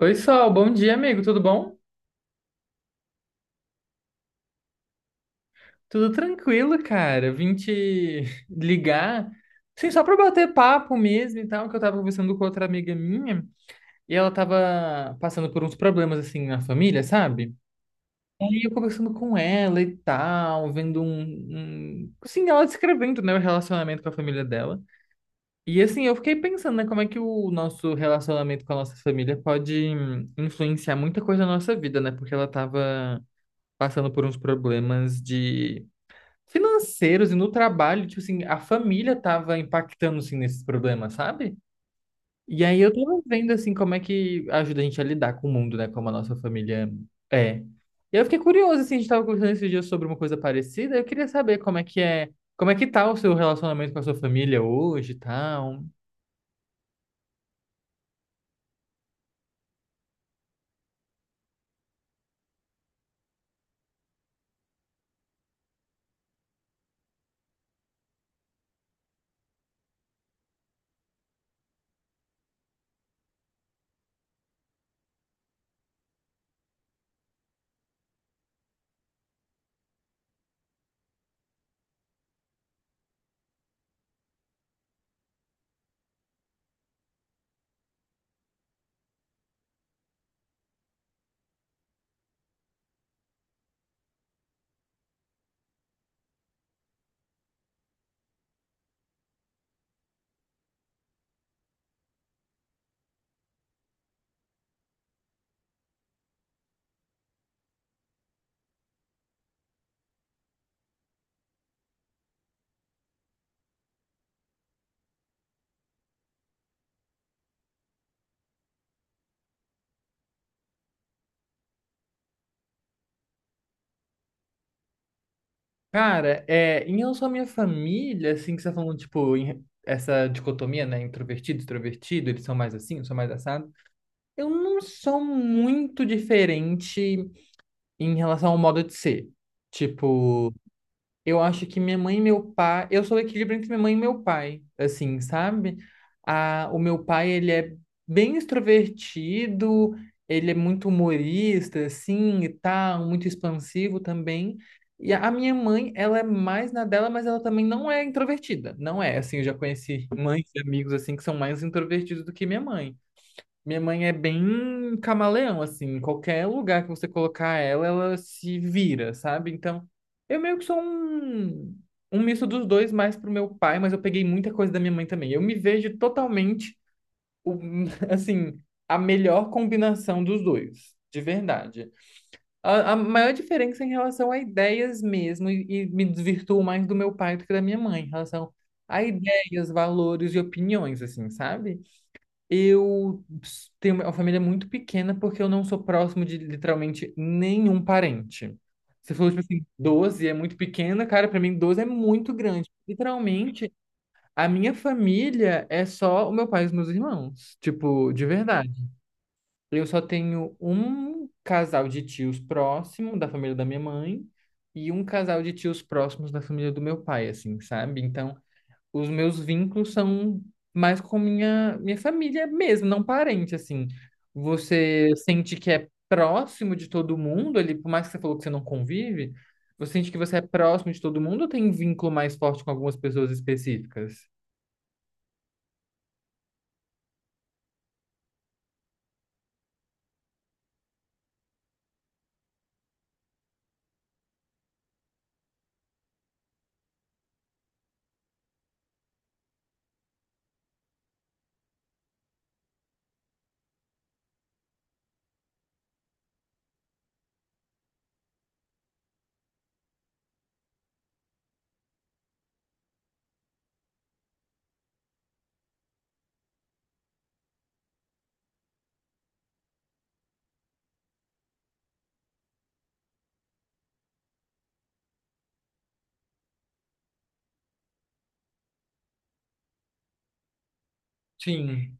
Oi, Sol, bom dia, amigo, tudo bom? Tudo tranquilo, cara. Vim te ligar, sim, só pra bater papo mesmo e tal, que eu tava conversando com outra amiga minha e ela tava passando por uns problemas, assim, na família, sabe? E aí eu conversando com ela e tal, vendo um. Assim, ela descrevendo, né, o relacionamento com a família dela. E, assim, eu fiquei pensando, né, como é que o nosso relacionamento com a nossa família pode influenciar muita coisa na nossa vida, né? Porque ela tava passando por uns problemas de financeiros e no trabalho, tipo assim, a família tava impactando assim nesses problemas, sabe? E aí eu tava vendo assim como é que ajuda a gente a lidar com o mundo, né, como a nossa família é. E eu fiquei curioso assim, a gente tava conversando esses dias sobre uma coisa parecida, eu queria saber como é que é, como é que tá o seu relacionamento com a sua família hoje, e tal. Cara, é, em relação à minha família, assim, que você tá falando, tipo, essa dicotomia, né, introvertido, extrovertido, eles são mais assim, eu sou mais assado. Eu não sou muito diferente em relação ao modo de ser. Tipo, eu acho que minha mãe e meu pai. Eu sou o equilíbrio entre minha mãe e meu pai, assim, sabe? Ah, o meu pai, ele é bem extrovertido, ele é muito humorista, assim, e tal, muito expansivo também. E a minha mãe, ela é mais na dela, mas ela também não é introvertida. Não é, assim, eu já conheci mães e amigos, assim, que são mais introvertidos do que minha mãe. Minha mãe é bem camaleão, assim, em qualquer lugar que você colocar ela, ela se vira, sabe? Então, eu meio que sou um, um misto dos dois, mais pro meu pai, mas eu peguei muita coisa da minha mãe também. Eu me vejo totalmente, o- assim, a melhor combinação dos dois, de verdade. A maior diferença é em relação a ideias mesmo, e me desvirtuo mais do meu pai do que da minha mãe, em relação a ideias, valores e opiniões, assim, sabe? Eu tenho uma família muito pequena porque eu não sou próximo de literalmente nenhum parente. Você falou, tipo assim, 12 é muito pequena, cara, pra mim 12 é muito grande. Literalmente, a minha família é só o meu pai e os meus irmãos, tipo, de verdade. Eu só tenho um casal de tios próximo da família da minha mãe e um casal de tios próximos da família do meu pai, assim, sabe? Então, os meus vínculos são mais com minha família mesmo, não parente, assim. Você sente que é próximo de todo mundo ali, por mais que você falou que você não convive, você sente que você é próximo de todo mundo ou tem vínculo mais forte com algumas pessoas específicas? Sim,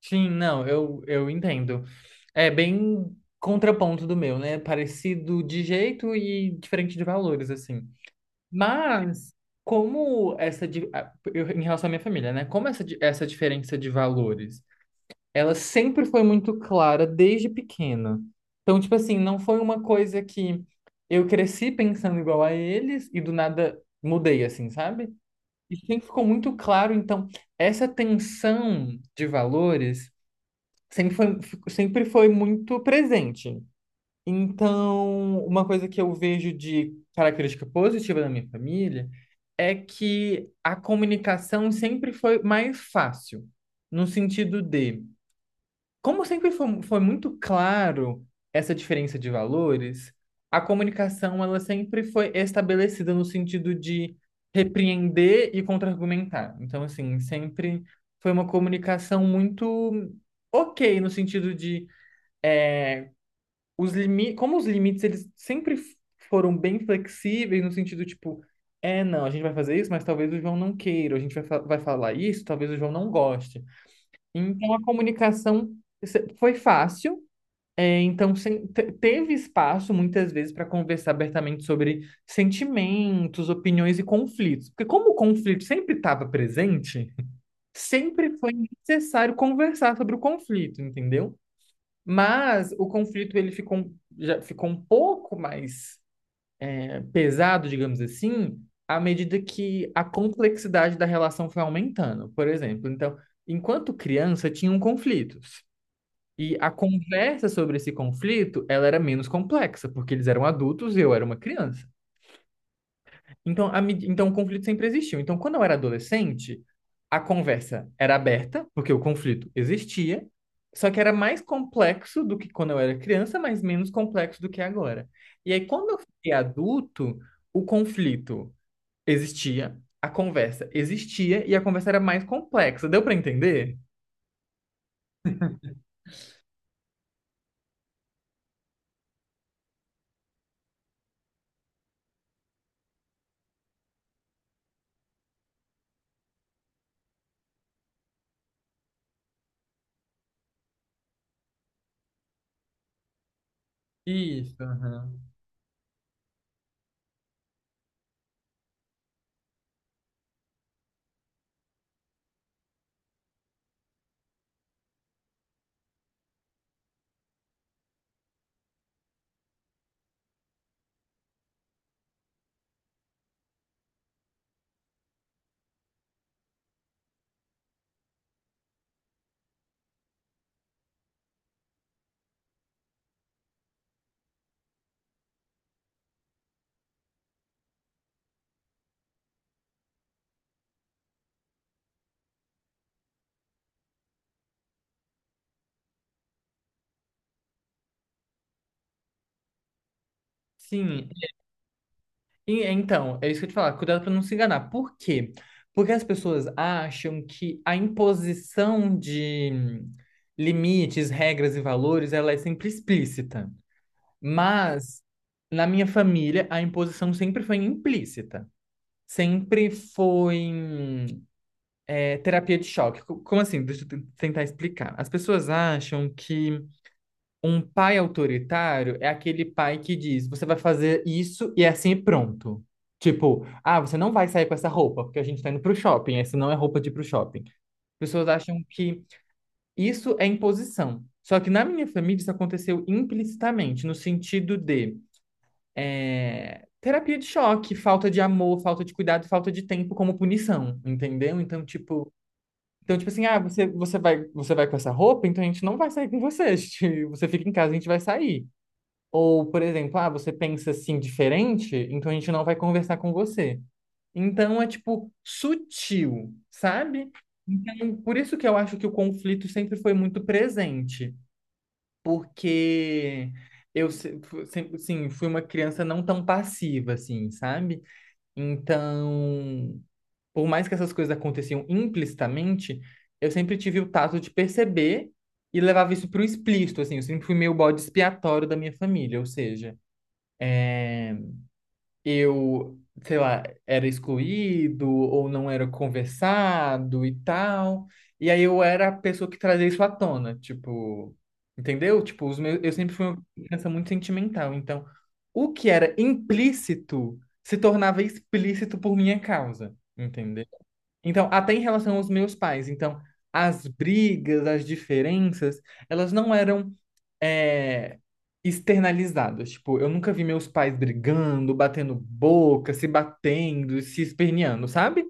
sim, não, eu entendo. É bem contraponto do meu, né? Parecido de jeito e diferente de valores, assim. Mas, como essa. Em relação à minha família, né? Como essa, essa diferença de valores, ela sempre foi muito clara desde pequena. Então, tipo assim, não foi uma coisa que eu cresci pensando igual a eles e do nada mudei, assim, sabe? E sempre ficou muito claro. Então, essa tensão de valores sempre foi, sempre foi muito presente. Então, uma coisa que eu vejo de característica positiva da minha família é que a comunicação sempre foi mais fácil, no sentido de, como sempre foi muito claro essa diferença de valores, a comunicação ela sempre foi estabelecida no sentido de repreender e contra-argumentar. Então, assim, sempre foi uma comunicação muito ok, no sentido de eh, os limites, como os limites eles foram bem flexíveis no sentido tipo, não, a gente vai fazer isso, mas talvez o João não queira, a gente vai falar isso, talvez o João não goste. Então a comunicação foi fácil, então teve espaço muitas vezes para conversar abertamente sobre sentimentos, opiniões e conflitos. Porque como o conflito sempre estava presente, sempre foi necessário conversar sobre o conflito, entendeu? Mas o conflito ele já ficou um pouco mais pesado, digamos assim, à medida que a complexidade da relação foi aumentando. Por exemplo, então, enquanto criança, tinham conflitos. E a conversa sobre esse conflito, ela era menos complexa, porque eles eram adultos e eu era uma criança. Então, então, o conflito sempre existiu. Então, quando eu era adolescente, a conversa era aberta, porque o conflito existia, só que era mais complexo do que quando eu era criança, mas menos complexo do que agora. E aí, quando eu fiquei adulto, o conflito existia, a conversa existia e a conversa era mais complexa. Deu para entender? Isso, aham. Sim, então, é isso que eu te falar, cuidado para não se enganar. Por quê? Porque as pessoas acham que a imposição de limites, regras e valores, ela é sempre explícita. Mas na minha família, a imposição sempre foi implícita. Sempre foi terapia de choque. Como assim? Deixa eu tentar explicar. As pessoas acham que um pai autoritário é aquele pai que diz: você vai fazer isso e é assim e pronto. Tipo, ah, você não vai sair com essa roupa, porque a gente tá indo pro shopping, essa não é roupa de ir pro shopping. Pessoas acham que isso é imposição. Só que na minha família isso aconteceu implicitamente, no sentido de terapia de choque, falta de amor, falta de cuidado, falta de tempo como punição, entendeu? Então, tipo assim, ah, você vai com essa roupa, então a gente não vai sair com você. Você fica em casa, a gente vai sair. Ou, por exemplo, ah, você pensa assim diferente, então a gente não vai conversar com você. Então é tipo sutil, sabe? Então, por isso que eu acho que o conflito sempre foi muito presente, porque eu sempre, assim, fui uma criança não tão passiva, assim, sabe? Então, por mais que essas coisas aconteciam implicitamente, eu sempre tive o tato de perceber e levava isso para o explícito, assim, eu sempre fui meio bode expiatório da minha família, ou seja, eu, sei lá, era excluído ou não era conversado e tal. E aí eu era a pessoa que trazia isso à tona, tipo, entendeu? Tipo, os meus, eu sempre fui uma criança muito sentimental, então o que era implícito se tornava explícito por minha causa, entendeu? Então, até em relação aos meus pais, então, as brigas, as diferenças, elas não eram é, externalizadas. Tipo, eu nunca vi meus pais brigando, batendo boca, se batendo, se esperneando, sabe?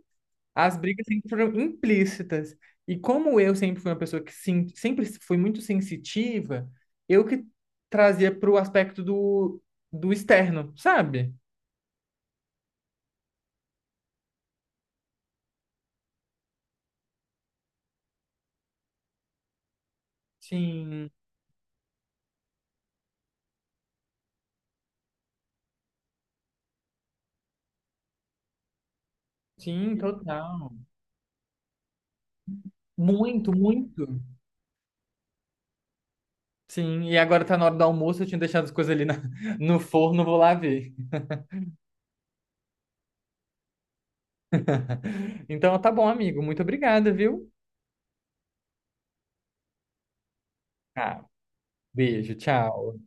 As brigas sempre foram implícitas. E como eu sempre fui uma pessoa que sempre fui muito sensitiva, eu que trazia pro aspecto do externo, sabe? Sim, sim, total. Muito, muito. Sim, e agora tá na hora do almoço, eu tinha deixado as coisas ali no forno, vou lá ver. Então tá bom, amigo. Muito obrigada, viu? Ah, beijo, tchau.